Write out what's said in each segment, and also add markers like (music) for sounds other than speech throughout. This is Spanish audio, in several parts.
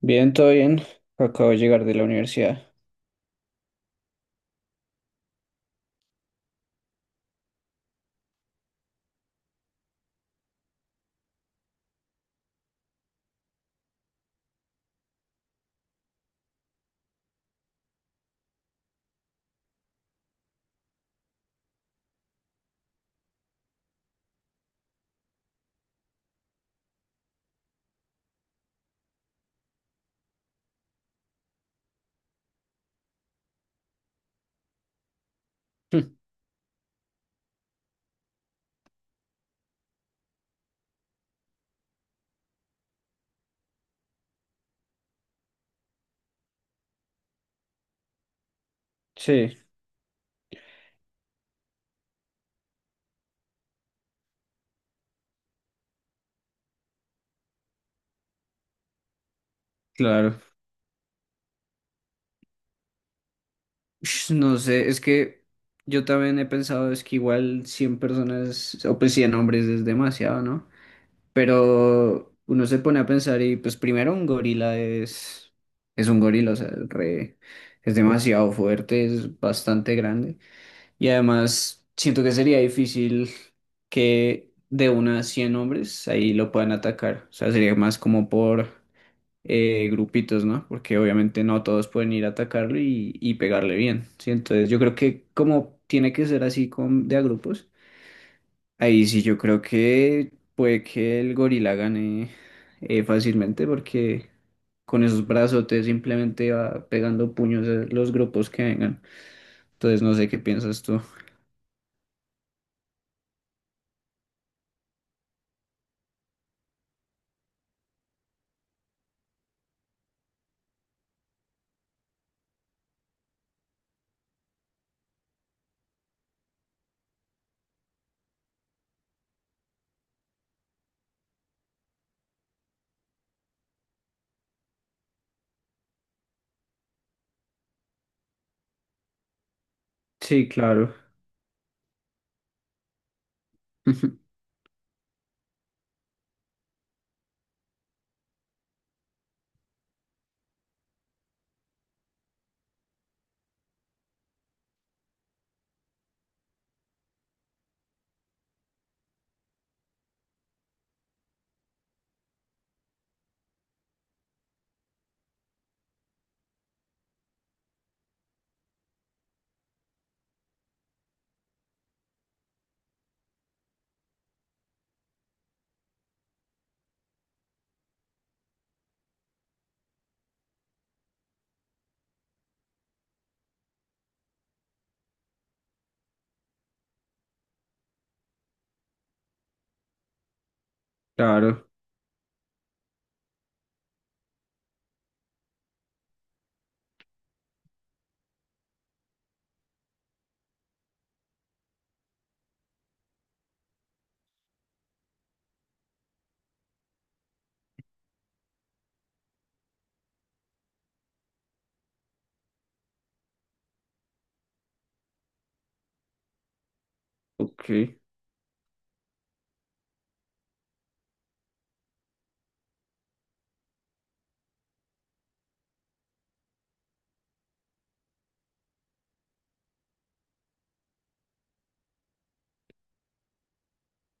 Bien, todo bien. Acabo de llegar de la universidad. Hm. Sí, claro. Ush, no sé, es que yo también he pensado, es que igual 100 personas, o pues 100 hombres es demasiado, ¿no? Pero uno se pone a pensar y pues primero un gorila es un gorila, o sea, es demasiado fuerte, es bastante grande. Y además siento que sería difícil que de unas 100 hombres ahí lo puedan atacar. O sea, sería más como por... grupitos, ¿no? Porque obviamente no todos pueden ir a atacarlo y, pegarle bien, ¿sí? Entonces yo creo que como tiene que ser así con, de a grupos, ahí sí yo creo que puede que el gorila gane fácilmente, porque con esos brazotes simplemente va pegando puños a los grupos que vengan. Entonces no sé qué piensas tú. Sí, claro. (laughs) Claro, ok.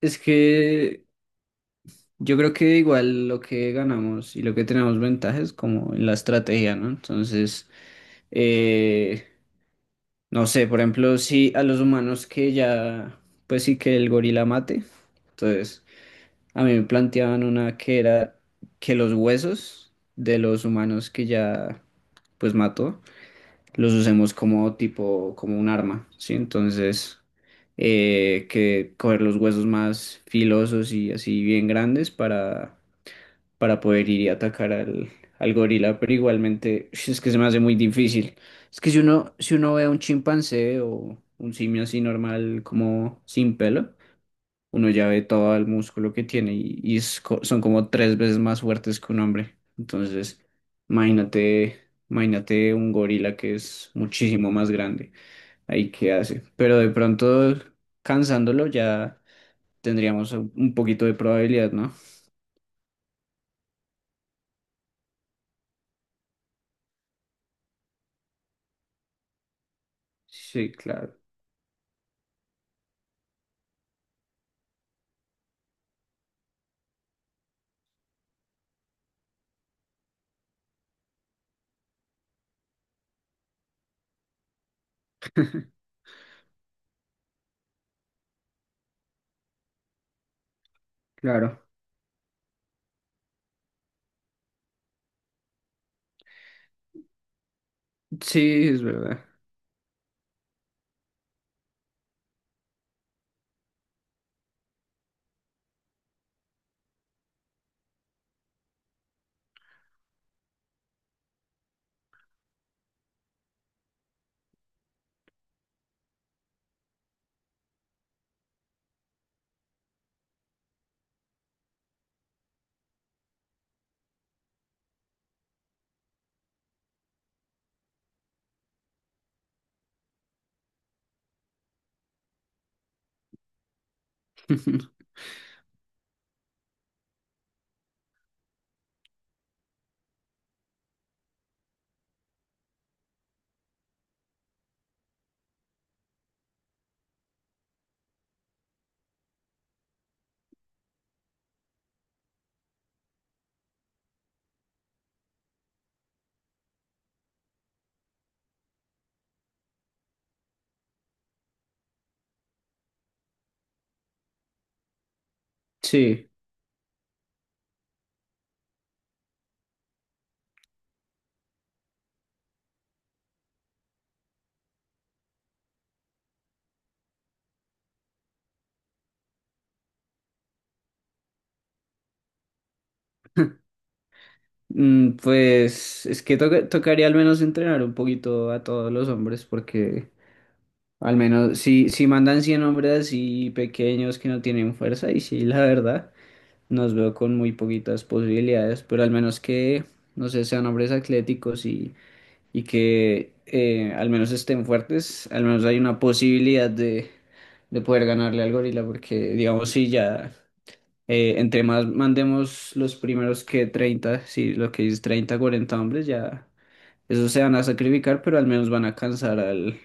Es que yo creo que igual lo que ganamos y lo que tenemos ventaja es como en la estrategia, ¿no? Entonces, eh, no sé, por ejemplo, si a los humanos que ya, pues sí que el gorila mate, entonces a mí me planteaban una que era que los huesos de los humanos que ya, pues mató, los usemos como tipo, como un arma, ¿sí? Entonces, que coger los huesos más filosos y así bien grandes para poder ir y atacar al, al gorila, pero igualmente ush, es que se me hace muy difícil. Es que si uno, si uno ve a un chimpancé o un simio así normal, como sin pelo, uno ya ve todo el músculo que tiene y es son como tres veces más fuertes que un hombre. Entonces, imagínate, imagínate un gorila que es muchísimo más grande. Ahí qué hace. Pero de pronto, cansándolo, ya tendríamos un poquito de probabilidad, ¿no? Sí, claro. (laughs) Claro. Sí, es verdad. (laughs) Sí. Mm, pues es que tocaría al menos entrenar un poquito a todos los hombres porque al menos si, si mandan 100 hombres así pequeños que no tienen fuerza y sí, la verdad, nos veo con muy poquitas posibilidades, pero al menos que, no sé, sean hombres atléticos y que al menos estén fuertes, al menos hay una posibilidad de poder ganarle al gorila porque digamos si ya... entre más mandemos los primeros que 30 sí, lo que dice 30 40 hombres, ya esos se van a sacrificar, pero al menos van a cansar al,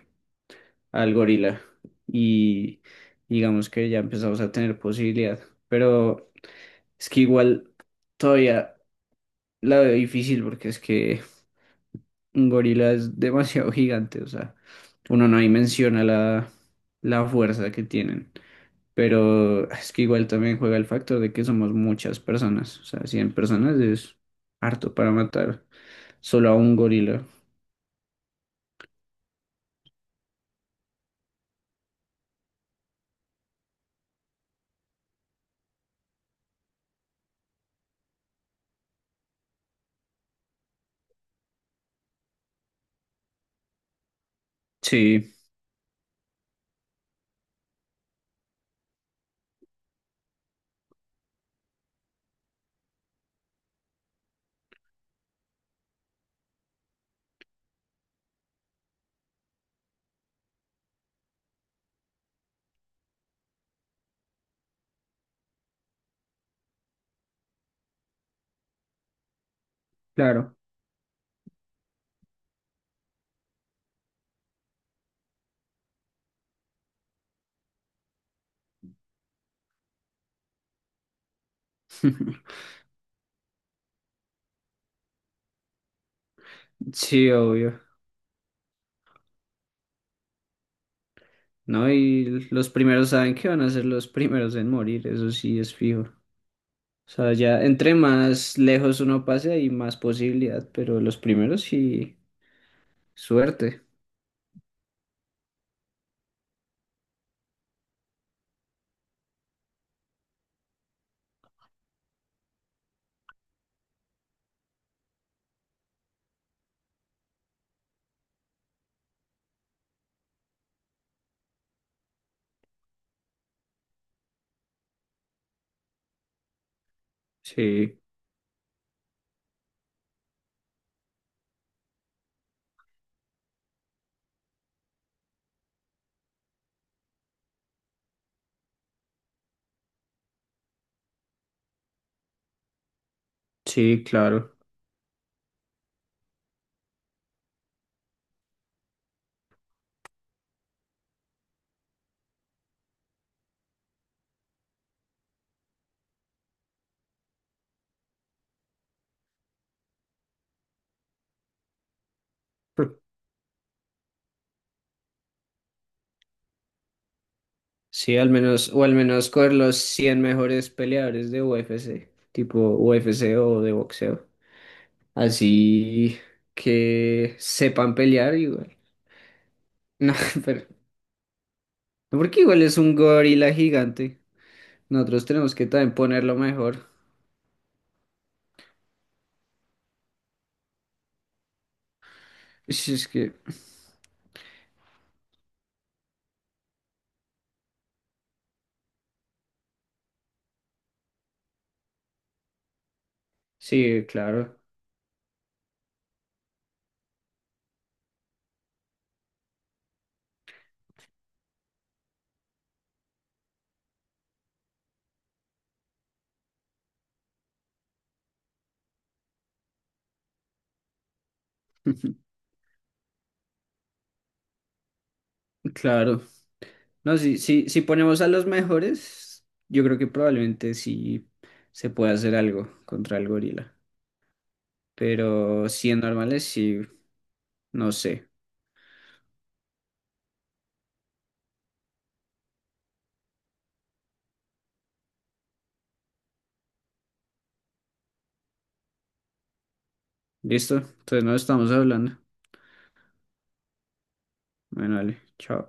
al gorila. Y digamos que ya empezamos a tener posibilidad. Pero es que igual todavía la veo difícil porque es que un gorila es demasiado (laughs) gigante, o sea, uno no dimensiona la, la fuerza que tienen. Pero es que igual también juega el factor de que somos muchas personas. O sea, 100 personas es harto para matar solo a un gorila. Sí, claro. (laughs) Sí, obvio. ¿No? Y los primeros saben que van a ser los primeros en morir, eso sí es fijo. O sea, ya entre más lejos uno pase hay más posibilidad, pero los primeros sí, suerte. Sí, sí, claro. Sí, al menos, o al menos con los 100 mejores peleadores de UFC, tipo UFC o de boxeo. Así que sepan pelear igual. (laughs) No, pero, no, porque igual es un gorila gigante. Nosotros tenemos que también ponerlo mejor. Si es que, sí, claro, (laughs) claro. No, si, si, si ponemos a los mejores, yo creo que probablemente sí se puede hacer algo contra el gorila. Pero 100 normales, sí, no sé. Listo, entonces no estamos hablando. Bueno, vale, chao.